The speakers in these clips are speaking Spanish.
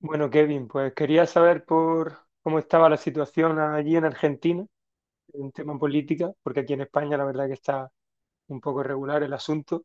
Bueno, Kevin, pues quería saber por cómo estaba la situación allí en Argentina, en tema política, porque aquí en España la verdad que está un poco irregular el asunto.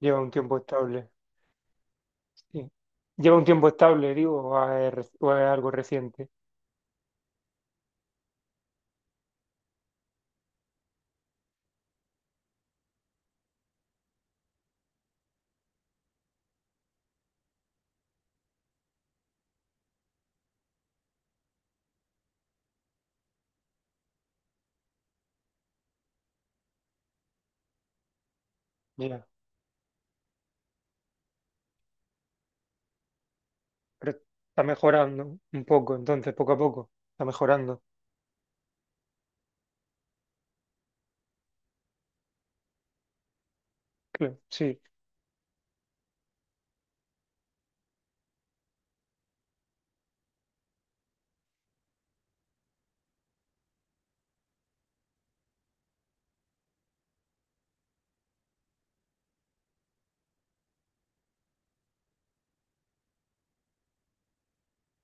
Lleva un tiempo estable. Sí. Lleva un tiempo estable, digo, o es, o es algo reciente. Ya. Pero está mejorando un poco, entonces, poco a poco. Está mejorando. Claro, sí.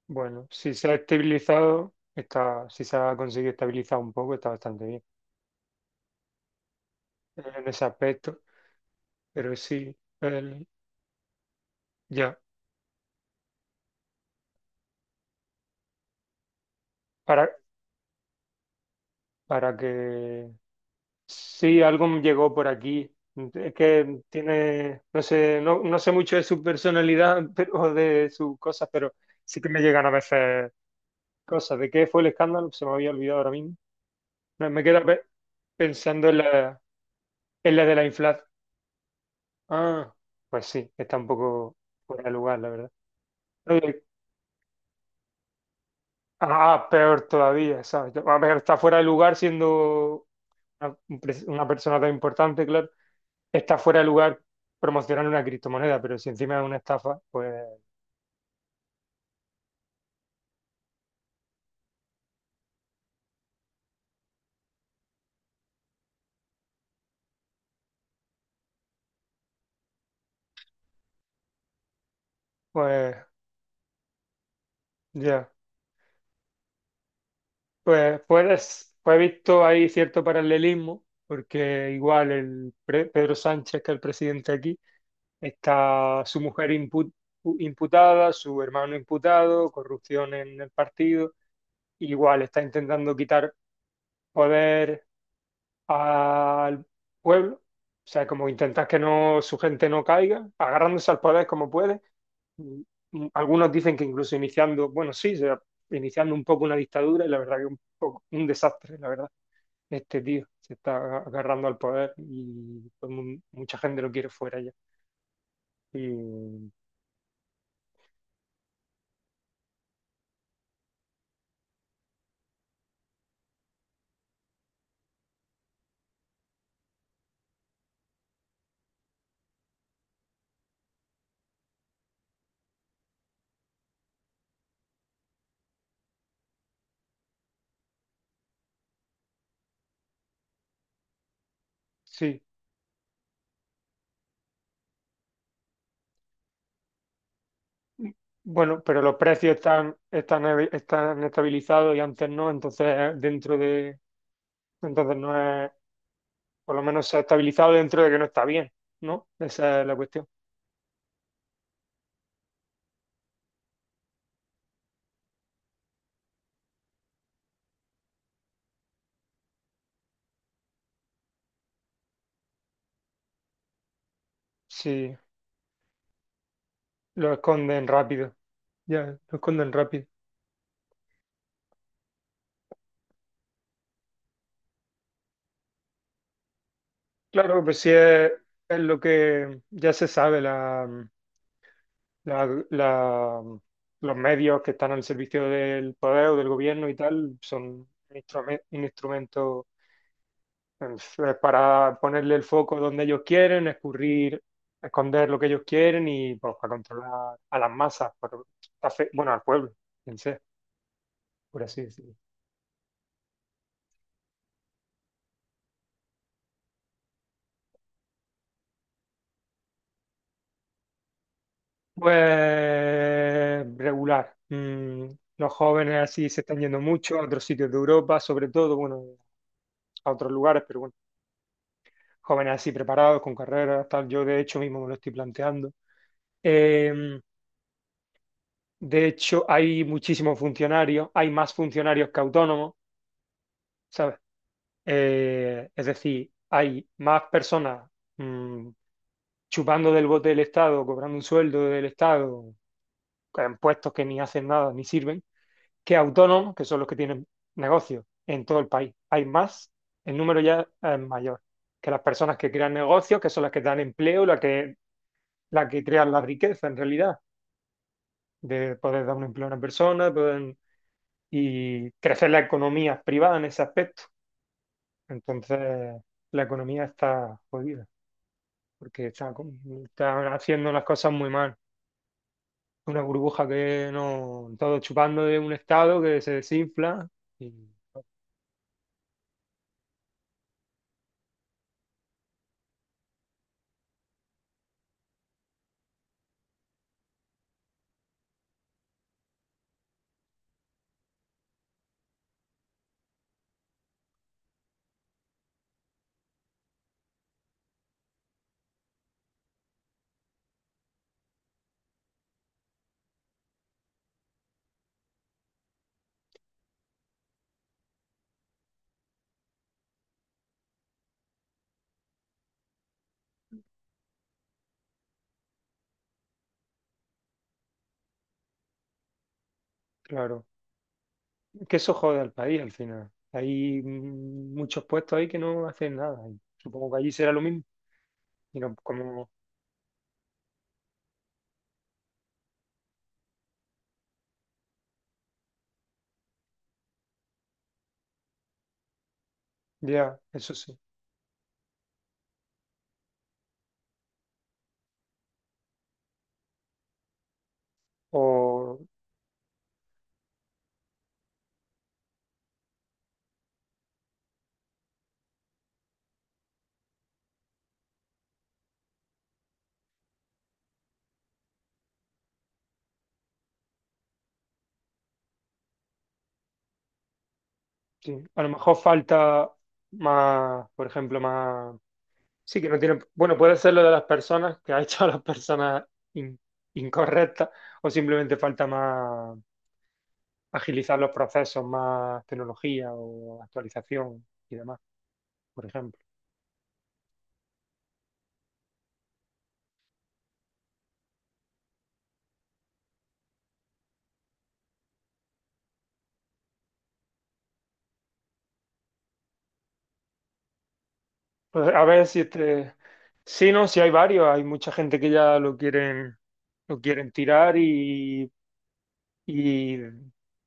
Bueno, si se ha estabilizado, está, si se ha conseguido estabilizar un poco, está bastante bien en ese aspecto. Pero sí, el- ya. Para, para que... Sí, algo me llegó por aquí. Es que tiene, no sé, no, no sé mucho de su personalidad pero, o de sus cosas, pero sí que me llegan a veces cosas. ¿De qué fue el escándalo? Se me había olvidado ahora mismo. No, me queda pensando en la de la inflación. Ah, pues sí, está un poco fuera de lugar, la verdad. Eh, Ah, peor todavía, ¿sabes? A ver, está fuera de lugar siendo una, una persona tan importante, claro. Está fuera de lugar promocionar una criptomoneda, pero si encima es una estafa, pues, pues, ya. Pues, puedes, pues he visto ahí cierto paralelismo, porque igual Pedro Sánchez, que es el presidente aquí, está su mujer imputada, su hermano imputado, corrupción en el partido, igual está intentando quitar poder al pueblo, o sea, como intentar que no, su gente no caiga, agarrándose al poder como puede. Mm, mm, algunos dicen que incluso iniciando, bueno, sí, iniciando un poco una dictadura y la verdad que un poco un desastre, la verdad. Este tío se está agarrando al poder y pues, mucha gente lo quiere fuera ya. Y sí, mm, bueno, pero los precios están, están estabilizados y antes no, entonces dentro de, entonces no es, por lo menos se ha estabilizado dentro de que no está bien, ¿no? Esa es la cuestión. Sí, lo esconden rápido, ya, lo esconden rápido. Claro, pues sí es lo que ya se sabe, la- la- mm, los medios que están al servicio del poder o del gobierno y tal son un un instrumento para ponerle el foco donde ellos quieren, escurrir, esconder lo que ellos quieren y pues, para controlar a las masas, bueno, al pueblo, en sí, por así decirlo. Pues regular. Mm, los jóvenes así se están yendo mucho a otros sitios de Europa, sobre todo, bueno, a otros lugares, pero bueno, jóvenes así preparados, con carreras, tal. Yo de hecho mismo me lo estoy planteando. Eh, de hecho, hay muchísimos funcionarios, hay más funcionarios que autónomos, ¿sabes? Es decir, hay más personas mm, chupando del bote del Estado, cobrando un sueldo del Estado, en puestos que ni hacen nada, ni sirven que autónomos, que son los que tienen negocios en todo el país. Hay más, el número ya es mayor, que las personas que crean negocios, que son las que dan empleo, las que crean la riqueza en realidad, de poder dar un empleo a una persona poder, y crecer la economía privada en ese aspecto. Entonces, la economía está jodida, porque está haciendo las cosas muy mal. Una burbuja que no, todo chupando de un estado que se desinfla y claro, que eso jode al país al final. Hay mm, muchos puestos ahí que no hacen nada. Y supongo que allí será lo mismo. Y no, como, ya, eso sí. O sí, a lo mejor falta más, por ejemplo, más. Sí, que no tiene. Bueno, puede ser lo de las personas, que ha hecho a las personas in- incorrectas, o simplemente falta más agilizar los procesos, más tecnología o actualización y demás, por ejemplo. Pues a ver si este. Sí, no, sí hay varios. Hay mucha gente que ya lo quieren tirar y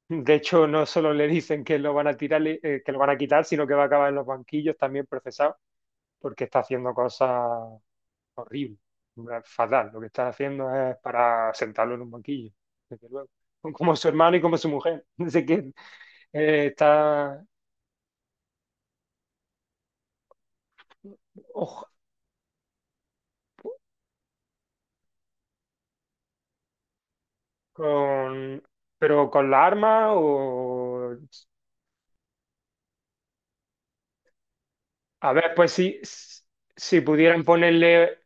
de hecho no solo le dicen que lo van a tirar, que lo van a quitar, sino que va a acabar en los banquillos también procesado, porque está haciendo cosas horribles, fatal. Lo que está haciendo es para sentarlo en un banquillo, desde luego. Como su hermano y como su mujer. Dice que está ojo, con, pero con la arma o a ver, pues si, si pudieran ponerle,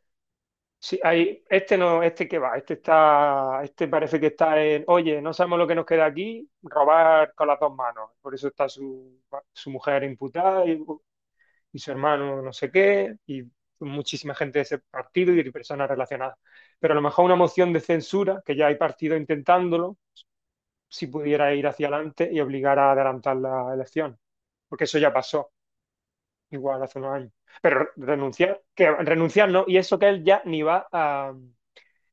si hay, este no, este que va, este está, este parece que está en, oye, no sabemos lo que nos queda aquí, robar con las dos manos. Por eso está su, su mujer imputada y su hermano no sé qué, y muchísima gente de ese partido y de personas relacionadas. Pero a lo mejor una moción de censura, que ya hay partido intentándolo, si pudiera ir hacia adelante y obligar a adelantar la elección, porque eso ya pasó. Igual hace unos años. Pero renunciar, que renunciar no, y eso que él ya ni va a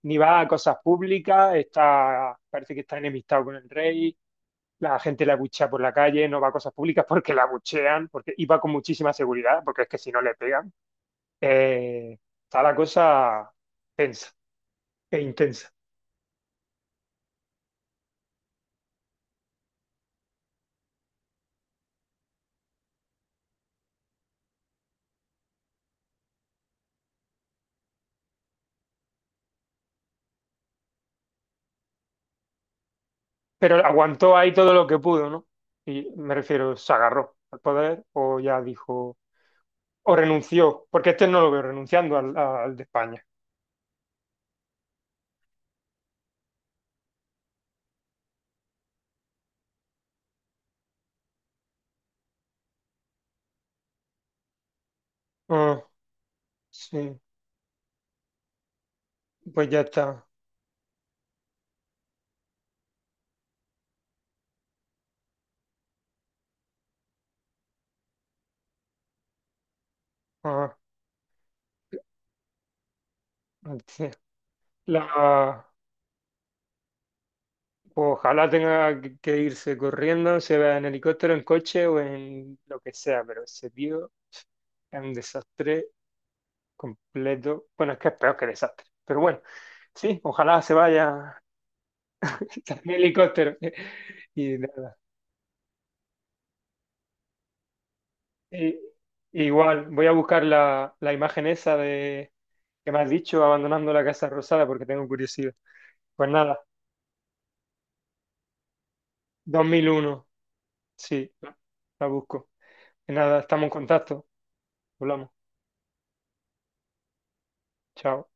ni va a cosas públicas, está, parece que está enemistado con el rey, la gente le abuchea por la calle, no va a cosas públicas porque la abuchean, porque y va con muchísima seguridad, porque es que si no le pegan. Eh, está la cosa tensa e intensa. Pero aguantó ahí todo lo que pudo, ¿no? Y me refiero, se agarró al poder o ya dijo, o renunció, porque este no lo veo renunciando al, al de España. Ah, sí, pues ya está. Ah, hostia. La, pues ojalá tenga que irse corriendo, se vea en helicóptero, en coche o en lo que sea, pero ese tío es un desastre completo. Bueno, es que es peor que desastre, pero bueno, sí, ojalá se vaya en helicóptero. Y, nada, y- igual, voy a buscar la, la imagen esa de que me has dicho, abandonando la Casa Rosada, porque tengo curiosidad. Pues nada, 2001 sí, la la busco. Y nada, estamos en contacto. Hablamos. Chao.